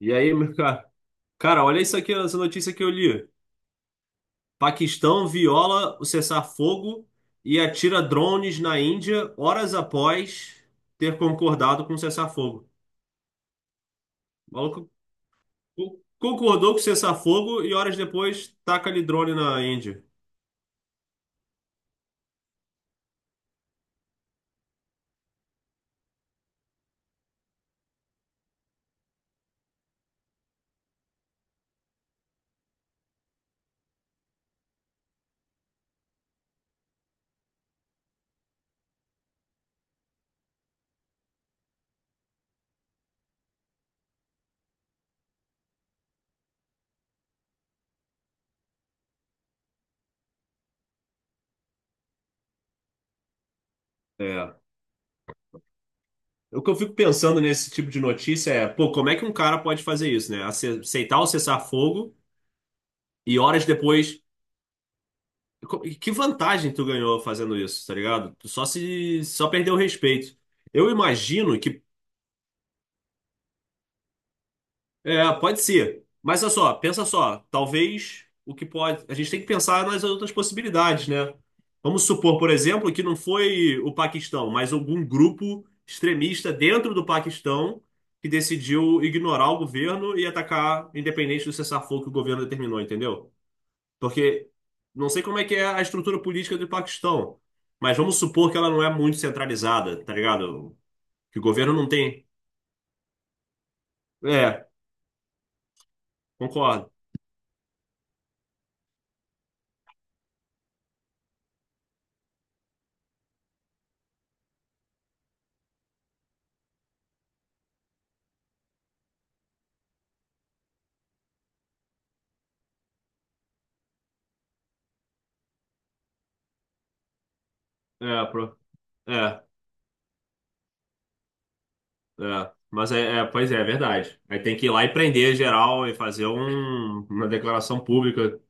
E aí, meu cara? Cara, olha isso aqui, essa notícia que eu li. Paquistão viola o cessar-fogo e atira drones na Índia horas após ter concordado com o cessar-fogo. O maluco concordou com o cessar-fogo e horas depois taca ali drone na Índia. É. O que eu fico pensando nesse tipo de notícia é, pô, como é que um cara pode fazer isso, né? Aceitar o cessar-fogo e horas depois e que vantagem tu ganhou fazendo isso, tá ligado? Tu só se só perdeu o respeito. Eu imagino que é, pode ser, mas olha só, pensa só, talvez o que pode, a gente tem que pensar nas outras possibilidades, né? Vamos supor, por exemplo, que não foi o Paquistão, mas algum grupo extremista dentro do Paquistão que decidiu ignorar o governo e atacar, independente do cessar-fogo que o governo determinou, entendeu? Porque não sei como é que é a estrutura política do Paquistão, mas vamos supor que ela não é muito centralizada, tá ligado? Que o governo não tem. É, concordo. É, pro- é, é. Mas pois é, é verdade. Aí tem que ir lá e prender geral e fazer uma declaração pública.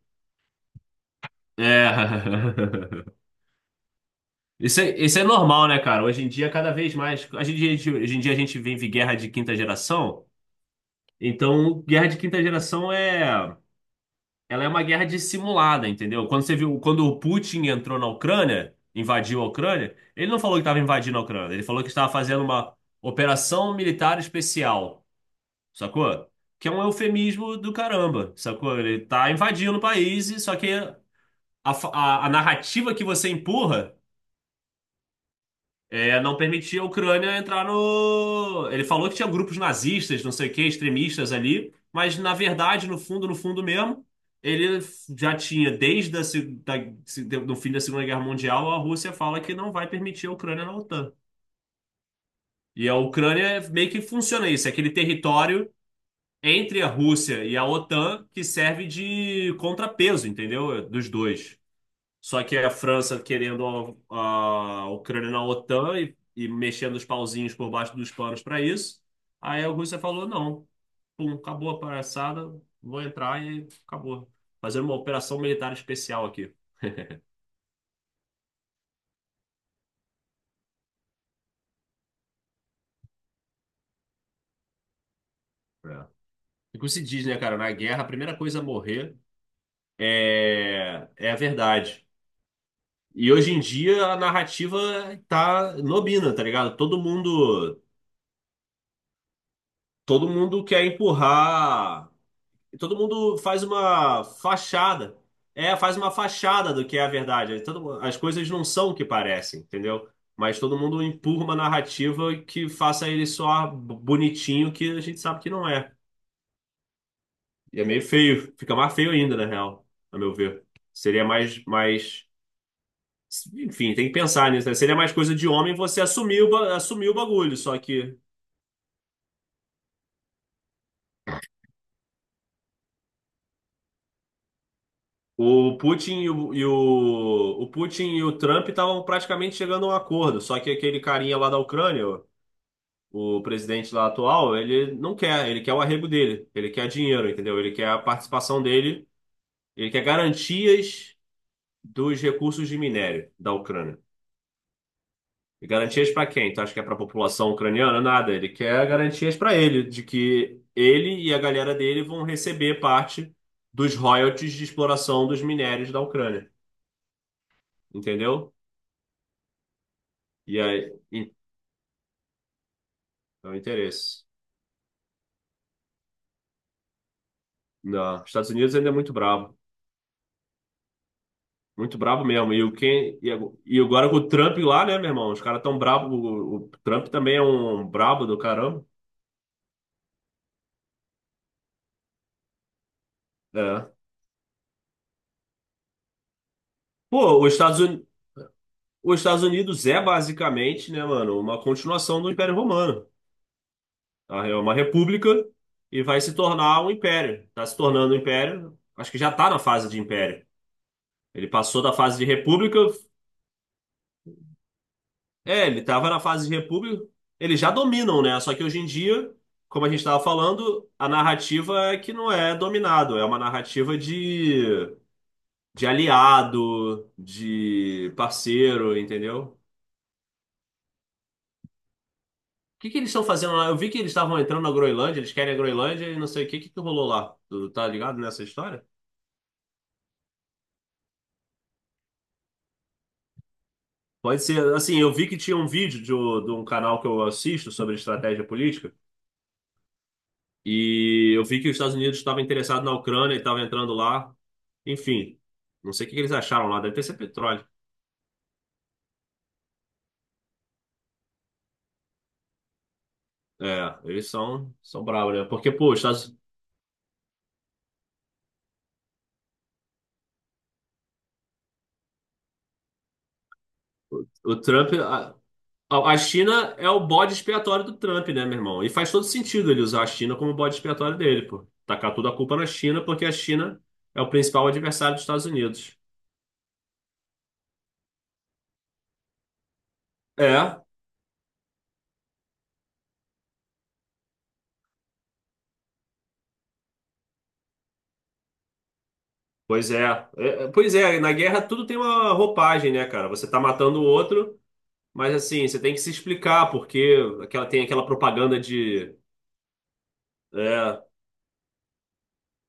É. Isso é normal, né, cara? Hoje em dia, cada vez mais. Hoje em dia, a gente vive guerra de quinta geração. Então, guerra de quinta geração é. Ela é uma guerra dissimulada, entendeu? Quando você viu, quando o Putin entrou na Ucrânia, invadiu a Ucrânia, ele não falou que estava invadindo a Ucrânia, ele falou que estava fazendo uma operação militar especial, sacou? Que é um eufemismo do caramba, sacou? Ele tá invadindo o país, e só que a narrativa que você empurra é, não permitia a Ucrânia entrar no. Ele falou que tinha grupos nazistas, não sei o quê, extremistas ali, mas na verdade, no fundo, no fundo mesmo, ele já tinha, desde a, se- da, se- do fim da Segunda Guerra Mundial, a Rússia fala que não vai permitir a Ucrânia na OTAN. E a Ucrânia meio que funciona isso, é aquele território entre a Rússia e a OTAN que serve de contrapeso, entendeu? Dos dois. Só que a França querendo a Ucrânia na OTAN e, mexendo os pauzinhos por baixo dos panos para isso. Aí a Rússia falou: não, pum, acabou a palhaçada, vou entrar e acabou. Fazendo uma operação militar especial aqui. É. E como se diz, né, cara? Na guerra, a primeira coisa a morrer é, é a verdade. E hoje em dia a narrativa tá nobina, tá ligado? Todo mundo quer empurrar. E todo mundo faz uma fachada. É, faz uma fachada do que é a verdade. Aí as coisas não são o que parecem, entendeu? Mas todo mundo empurra uma narrativa que faça ele só bonitinho, que a gente sabe que não é. E é meio feio. Fica mais feio ainda, na real, a meu ver. Seria mais, mais... Enfim, tem que pensar nisso, né? Seria mais coisa de homem você assumir assumir o bagulho. Só que o Putin o Putin e o Trump estavam praticamente chegando a um acordo, só que aquele carinha lá da Ucrânia, o presidente lá atual, ele não quer, ele quer o arrego dele, ele quer dinheiro, entendeu? Ele quer a participação dele, ele quer garantias dos recursos de minério da Ucrânia. E garantias para quem? Tu acha que é para a população ucraniana? Nada, ele quer garantias para ele, de que ele e a galera dele vão receber parte dos royalties de exploração dos minérios da Ucrânia. Entendeu? E aí, então, interesse. Não, Estados Unidos ainda é muito bravo. Muito bravo mesmo. E, o quem, e ago- e agora com o Trump lá, né, meu irmão? Os caras tão brabo. O Trump também é um brabo do caramba. É. Pô, os Estados Unidos é basicamente, né, mano, uma continuação do Império Romano. Tá? É uma república e vai se tornar um império. Tá se tornando um império. Acho que já tá na fase de império. Ele passou da fase de república. É, ele estava na fase de república. Eles já dominam, né? Só que hoje em dia, como a gente estava falando, a narrativa é que não é dominado, é uma narrativa de aliado, de parceiro, entendeu? O que que eles estão fazendo lá? Eu vi que eles estavam entrando na Groenlândia, eles querem a Groenlândia e não sei o que, que rolou lá. Tu tá ligado nessa história? Pode ser, assim, eu vi que tinha um vídeo de, de um canal que eu assisto sobre estratégia política e eu vi que os Estados Unidos estavam interessados na Ucrânia e estavam entrando lá. Enfim, não sei o que que eles acharam lá, deve ter sido petróleo. É, eles são, são bravos, né? Porque, pô, os Estados, o Trump. A China é o bode expiatório do Trump, né, meu irmão? E faz todo sentido ele usar a China como bode expiatório dele, pô. Tacar toda a culpa na China, porque a China é o principal adversário dos Estados Unidos. É, pois é. Pois é, na guerra tudo tem uma roupagem, né, cara? Você tá matando o outro, mas assim, você tem que se explicar, porque aquela, tem aquela propaganda de. É,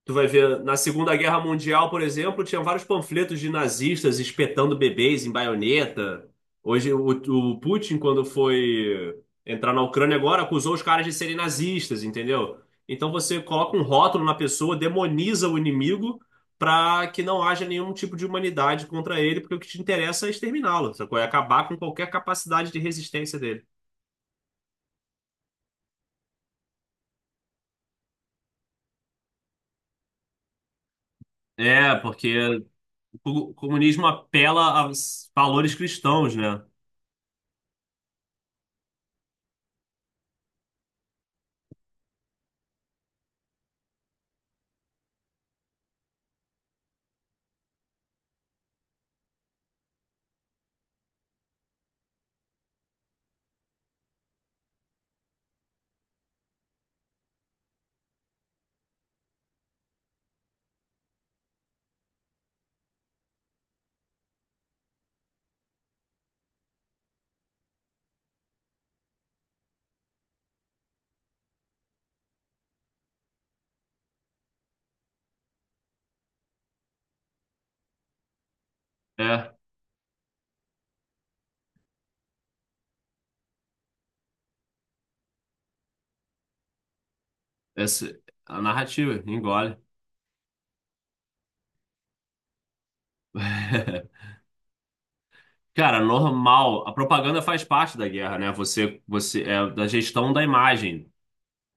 tu vai ver, na Segunda Guerra Mundial, por exemplo, tinha vários panfletos de nazistas espetando bebês em baioneta. Hoje, o Putin, quando foi entrar na Ucrânia agora, acusou os caras de serem nazistas, entendeu? Então você coloca um rótulo na pessoa, demoniza o inimigo para que não haja nenhum tipo de humanidade contra ele, porque o que te interessa é exterminá-lo, sacou? É acabar com qualquer capacidade de resistência dele. É, porque o comunismo apela a valores cristãos, né? É. Essa, a narrativa, engole. Cara, normal. A propaganda faz parte da guerra, né? Você é da gestão da imagem.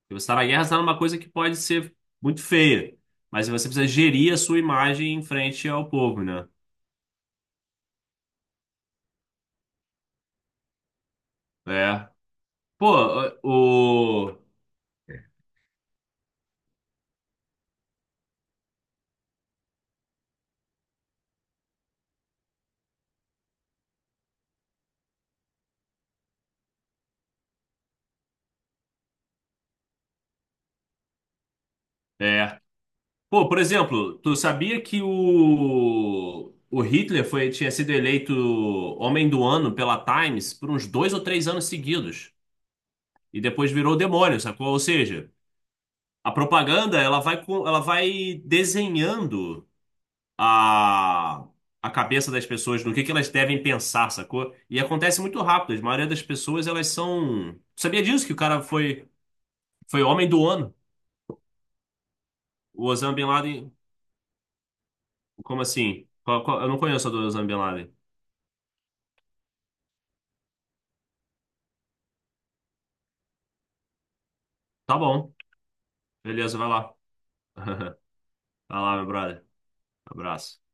Se você está na guerra, você está numa coisa que pode ser muito feia, mas você precisa gerir a sua imagem em frente ao povo, né? É. Pô, o o- é. Pô, por exemplo, tu sabia que o Hitler foi tinha sido eleito homem do ano pela Times por uns dois ou três anos seguidos e depois virou demônio, sacou? Ou seja, a propaganda, ela vai com, ela vai desenhando a, a cabeça das pessoas no que elas devem pensar, sacou? E acontece muito rápido. A maioria das pessoas, elas são... Sabia disso que o cara foi foi homem do ano? O Osama Bin Laden, como assim? Eu não conheço a do Osama Bin Laden. Tá bom. Beleza, vai lá. Vai lá, meu brother. Abraço.